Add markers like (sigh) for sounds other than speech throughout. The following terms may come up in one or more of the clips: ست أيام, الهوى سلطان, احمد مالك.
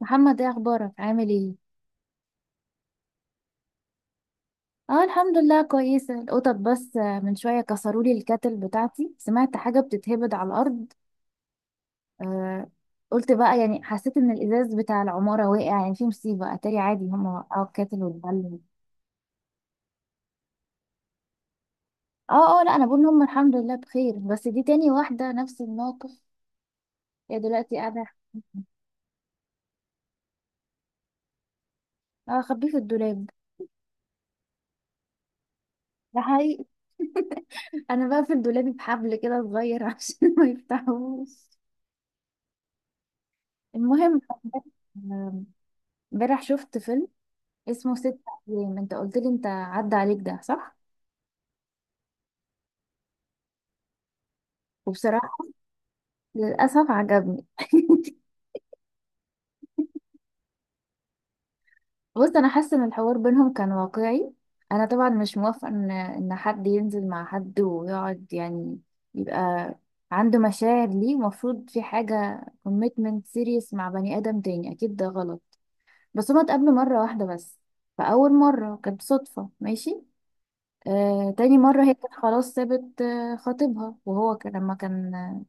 محمد، ايه اخبارك؟ عامل ايه؟ اه الحمد لله، كويسه. القطط بس من شويه كسروا لي الكاتل بتاعتي. سمعت حاجه بتتهبد على الارض. آه. قلت بقى يعني حسيت ان الازاز بتاع العماره وقع، يعني في مصيبه. اتاري عادي، هم وقعوا الكاتل والبلد. اه اه، لا انا بقول ان هم الحمد لله بخير، بس دي تاني واحده نفس الموقف. هي دلوقتي قاعده. (laughs) اه، خبيه في الدولاب. ده حقيقي. (laughs) انا بقى في الدولاب بحبل كده صغير عشان (laughs) ما يفتحوش. المهم، آه، امبارح شفت فيلم اسمه ست أيام. انت قلت لي انت عدى عليك، ده صح؟ وبصراحة للأسف عجبني. (laughs) بص، أنا حاسة إن الحوار بينهم كان واقعي. أنا طبعا مش موافقة إن حد ينزل مع حد ويقعد، يعني يبقى عنده مشاعر ليه. المفروض في حاجة commitment serious مع بني آدم تاني، أكيد ده غلط. بس هما اتقابلوا مرة واحدة بس. فأول مرة كانت صدفة، ماشي. تاني مرة هي كانت خلاص سابت خطيبها، وهو كان لما كان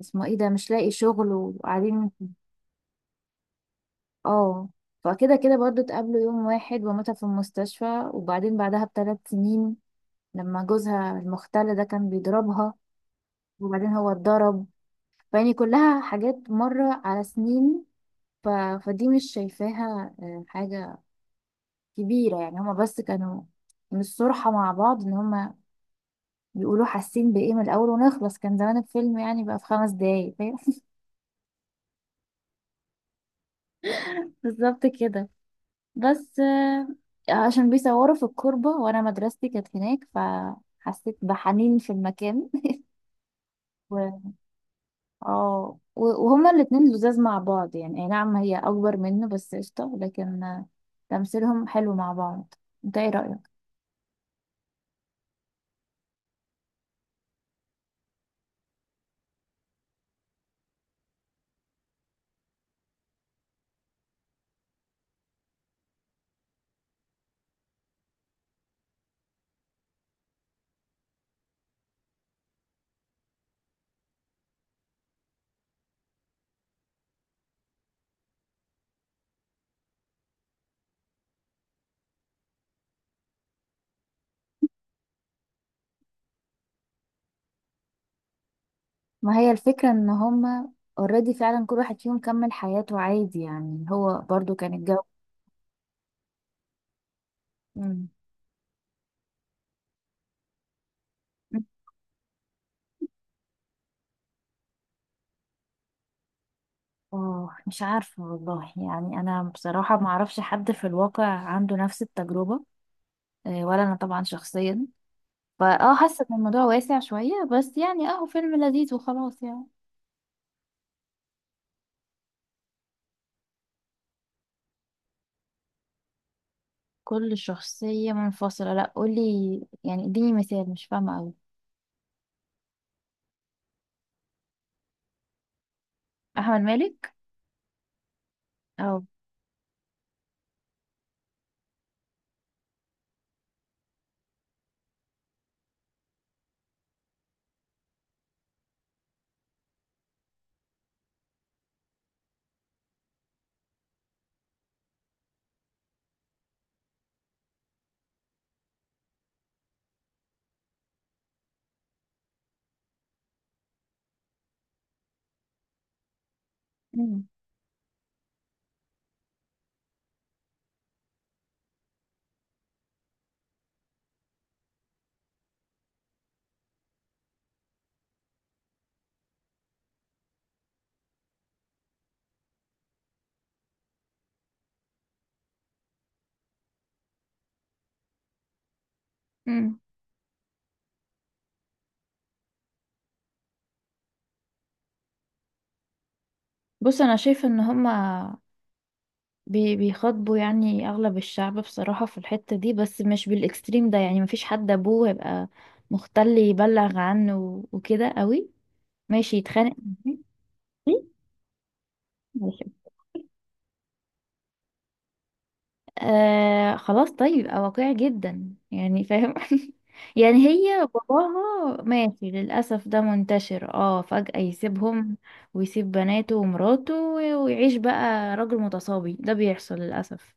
اسمه ايه ده مش لاقي شغل وقاعدين. اه. فكده كده برضو اتقابلوا يوم واحد، وماتها في المستشفى، وبعدين بعدها بثلاث سنين لما جوزها المختل ده كان بيضربها، وبعدين هو اتضرب. فيعني كلها حاجات مرة على سنين. ف... فدي مش شايفاها حاجة كبيرة. يعني هما بس كانوا من الصرحة مع بعض، ان هما بيقولوا حاسين بإيه من الأول ونخلص. كان زمان الفيلم يعني بقى في 5 دقايق، فاهم؟ (laughs) بالظبط كده. بس عشان بيصوروا في الكوربة وانا مدرستي كانت هناك، فحسيت بحنين في المكان. و... اه وهما الاتنين لزاز مع بعض، يعني اي نعم هي اكبر منه بس قشطة. لكن تمثيلهم حلو مع بعض. انت ايه رأيك؟ ما هي الفكرة ان هما اوريدي فعلا كل واحد فيهم كمل حياته عادي، يعني هو برضو كان الجو. مم. اه، مش عارفة والله. يعني انا بصراحة ما اعرفش حد في الواقع عنده نفس التجربة، ولا انا طبعا شخصيا. فاه حاسه ان الموضوع واسع شويه، بس يعني اهو فيلم لذيذ وخلاص يعني. كل شخصيه منفصله؟ لا قولي، يعني اديني مثال، مش فاهمه قوي. احمد مالك. اه. مم. مم. بص، انا شايفه ان هما بيخاطبوا يعني اغلب الشعب بصراحه في الحته دي، بس مش بالاكستريم ده. يعني مفيش حد ابوه هيبقى مختل يبلغ عنه وكده قوي، ماشي، يتخانق معاه. ماشي. آه، خلاص طيب يبقى واقعي جدا يعني، فاهم. (laughs) يعني هي باباها، ماشي للأسف ده منتشر، اه فجأة يسيبهم ويسيب بناته ومراته، ويعيش بقى راجل متصابي. ده بيحصل للأسف.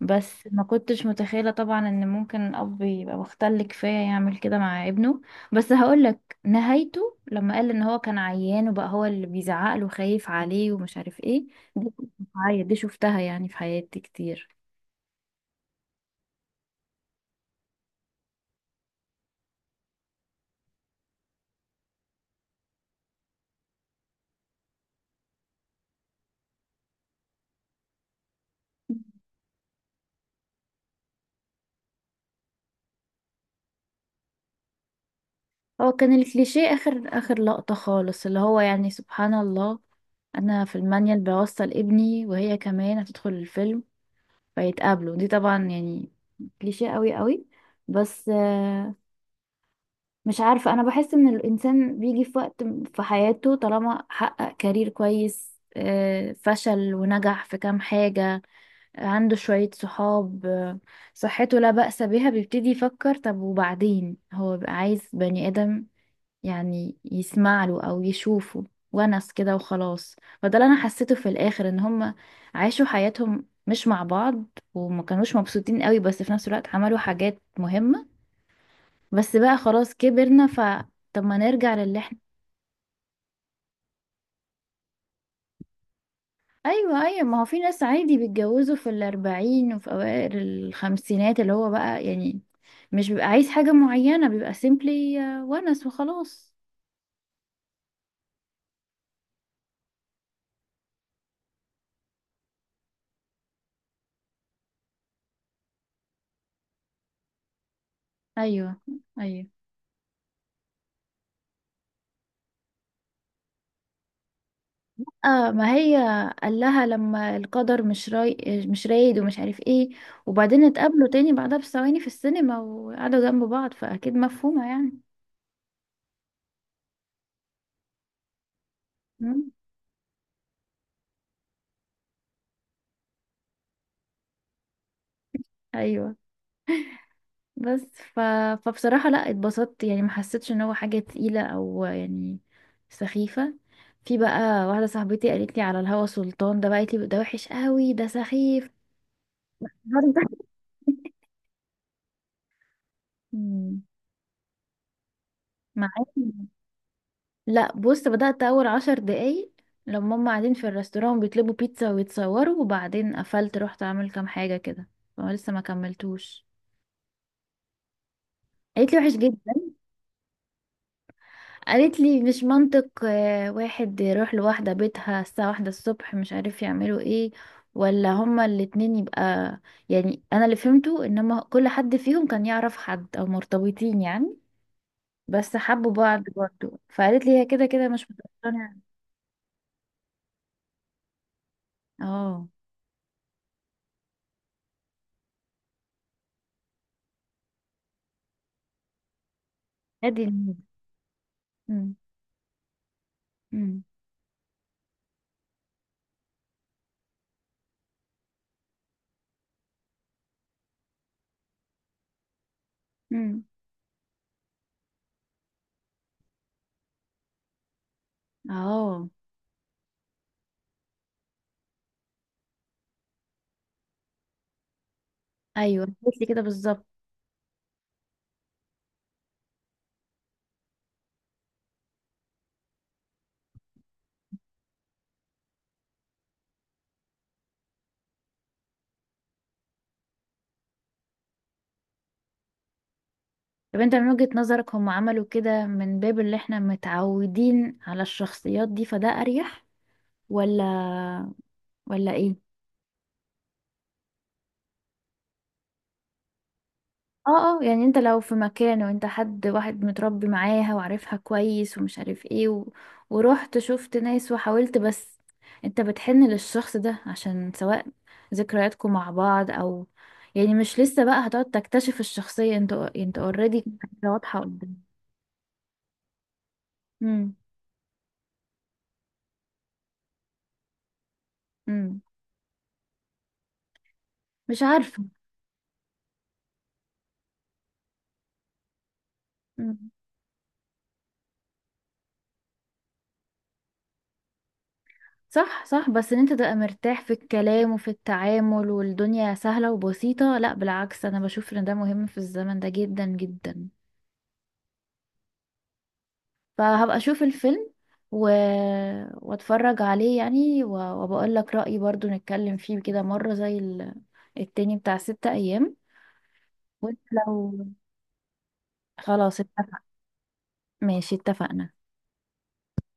بس ما كنتش متخيلة طبعا ان ممكن الأب يبقى مختل كفاية يعمل كده مع ابنه. بس هقولك نهايته لما قال ان هو كان عيان، وبقى هو اللي بيزعق له خايف عليه ومش عارف ايه. دي كنت بعيط، دي شفتها يعني في حياتي كتير. هو كان الكليشيه اخر لقطة خالص، اللي هو يعني سبحان الله انا في المانيال بوصل ابني وهي كمان هتدخل الفيلم فيتقابلوا. دي طبعا يعني كليشيه قوي. بس مش عارفة، انا بحس ان الانسان بيجي في وقت في حياته طالما حقق كارير كويس، فشل ونجح في كام حاجة، عنده شوية صحاب، صحته لا بأس بها، بيبتدي يفكر طب وبعدين. هو بيبقى عايز بني آدم يعني يسمع له او يشوفه، ونس كده وخلاص. فده اللي انا حسيته في الاخر، ان هم عاشوا حياتهم مش مع بعض، وما كانوش مبسوطين قوي، بس في نفس الوقت عملوا حاجات مهمة. بس بقى خلاص كبرنا، ف طب ما نرجع للي احنا. ايوه ايوه، ما هو في ناس عادي بيتجوزوا في الاربعين وفي اوائل الخمسينات، اللي هو بقى يعني مش بيبقى عايز حاجة معينة، بيبقى سيمبلي ونس وخلاص. ايوه ايوه. اه ما هي، قال لها لما القدر مش راي، مش رايد ومش عارف ايه. وبعدين اتقابلوا تاني بعدها بثواني في السينما وقعدوا جنب بعض، فاكيد مفهومة يعني. مم. ايوه. بس ف... فبصراحة لا، اتبسطت. يعني ما حسيتش ان هو حاجة تقيلة او يعني سخيفة. في بقى واحدة صاحبتي قالت لي على الهوى سلطان ده بقى، قالت لي ده وحش قوي، ده سخيف برضه. (laughs) مم. معاكي. لا بص، بدأت أول 10 دقايق لما هما قاعدين في الريستوران بيطلبوا بيتزا ويتصوروا، وبعدين قفلت رحت أعمل كام حاجة كده، فما لسه ما كملتوش. قالت لي وحش جدا. قالت لي مش منطق واحد يروح لواحدة بيتها الساعة واحدة الصبح، مش عارف يعملوا ايه ولا هما الاتنين، يبقى يعني أنا اللي فهمته إن هما كل حد فيهم كان يعرف حد أو مرتبطين يعني. بس حبوا بعض برضه، فقالت لي هي كده كده مش مقتنعة. اه. هادي النية. مم. مم. امم. اه. ايوه قلت لي كده بالظبط. طب انت من وجهة نظرك هم عملوا كده من باب اللي احنا متعودين على الشخصيات دي فده اريح، ولا، ولا ايه؟ اه اه، يعني انت لو في مكان وانت حد واحد متربي معاها وعارفها كويس ومش عارف ايه، ورحت شفت ناس وحاولت، بس انت بتحن للشخص ده عشان سواء ذكرياتكم مع بعض او يعني مش لسه بقى هتقعد تكتشف الشخصية، انت اوريدي واضحة قدامك. مم. مش عارفة. مم. صح صح، بس ان انت تبقى مرتاح في الكلام وفي التعامل والدنيا سهلة وبسيطة، لا بالعكس انا بشوف ان ده مهم في الزمن ده جدا جدا. فهبقى اشوف الفيلم و... واتفرج عليه يعني، وبقول لك رأيي. برضو نتكلم فيه كده مرة زي التاني بتاع ستة ايام. وانت لو خلاص اتفق. ماشي، اتفقنا.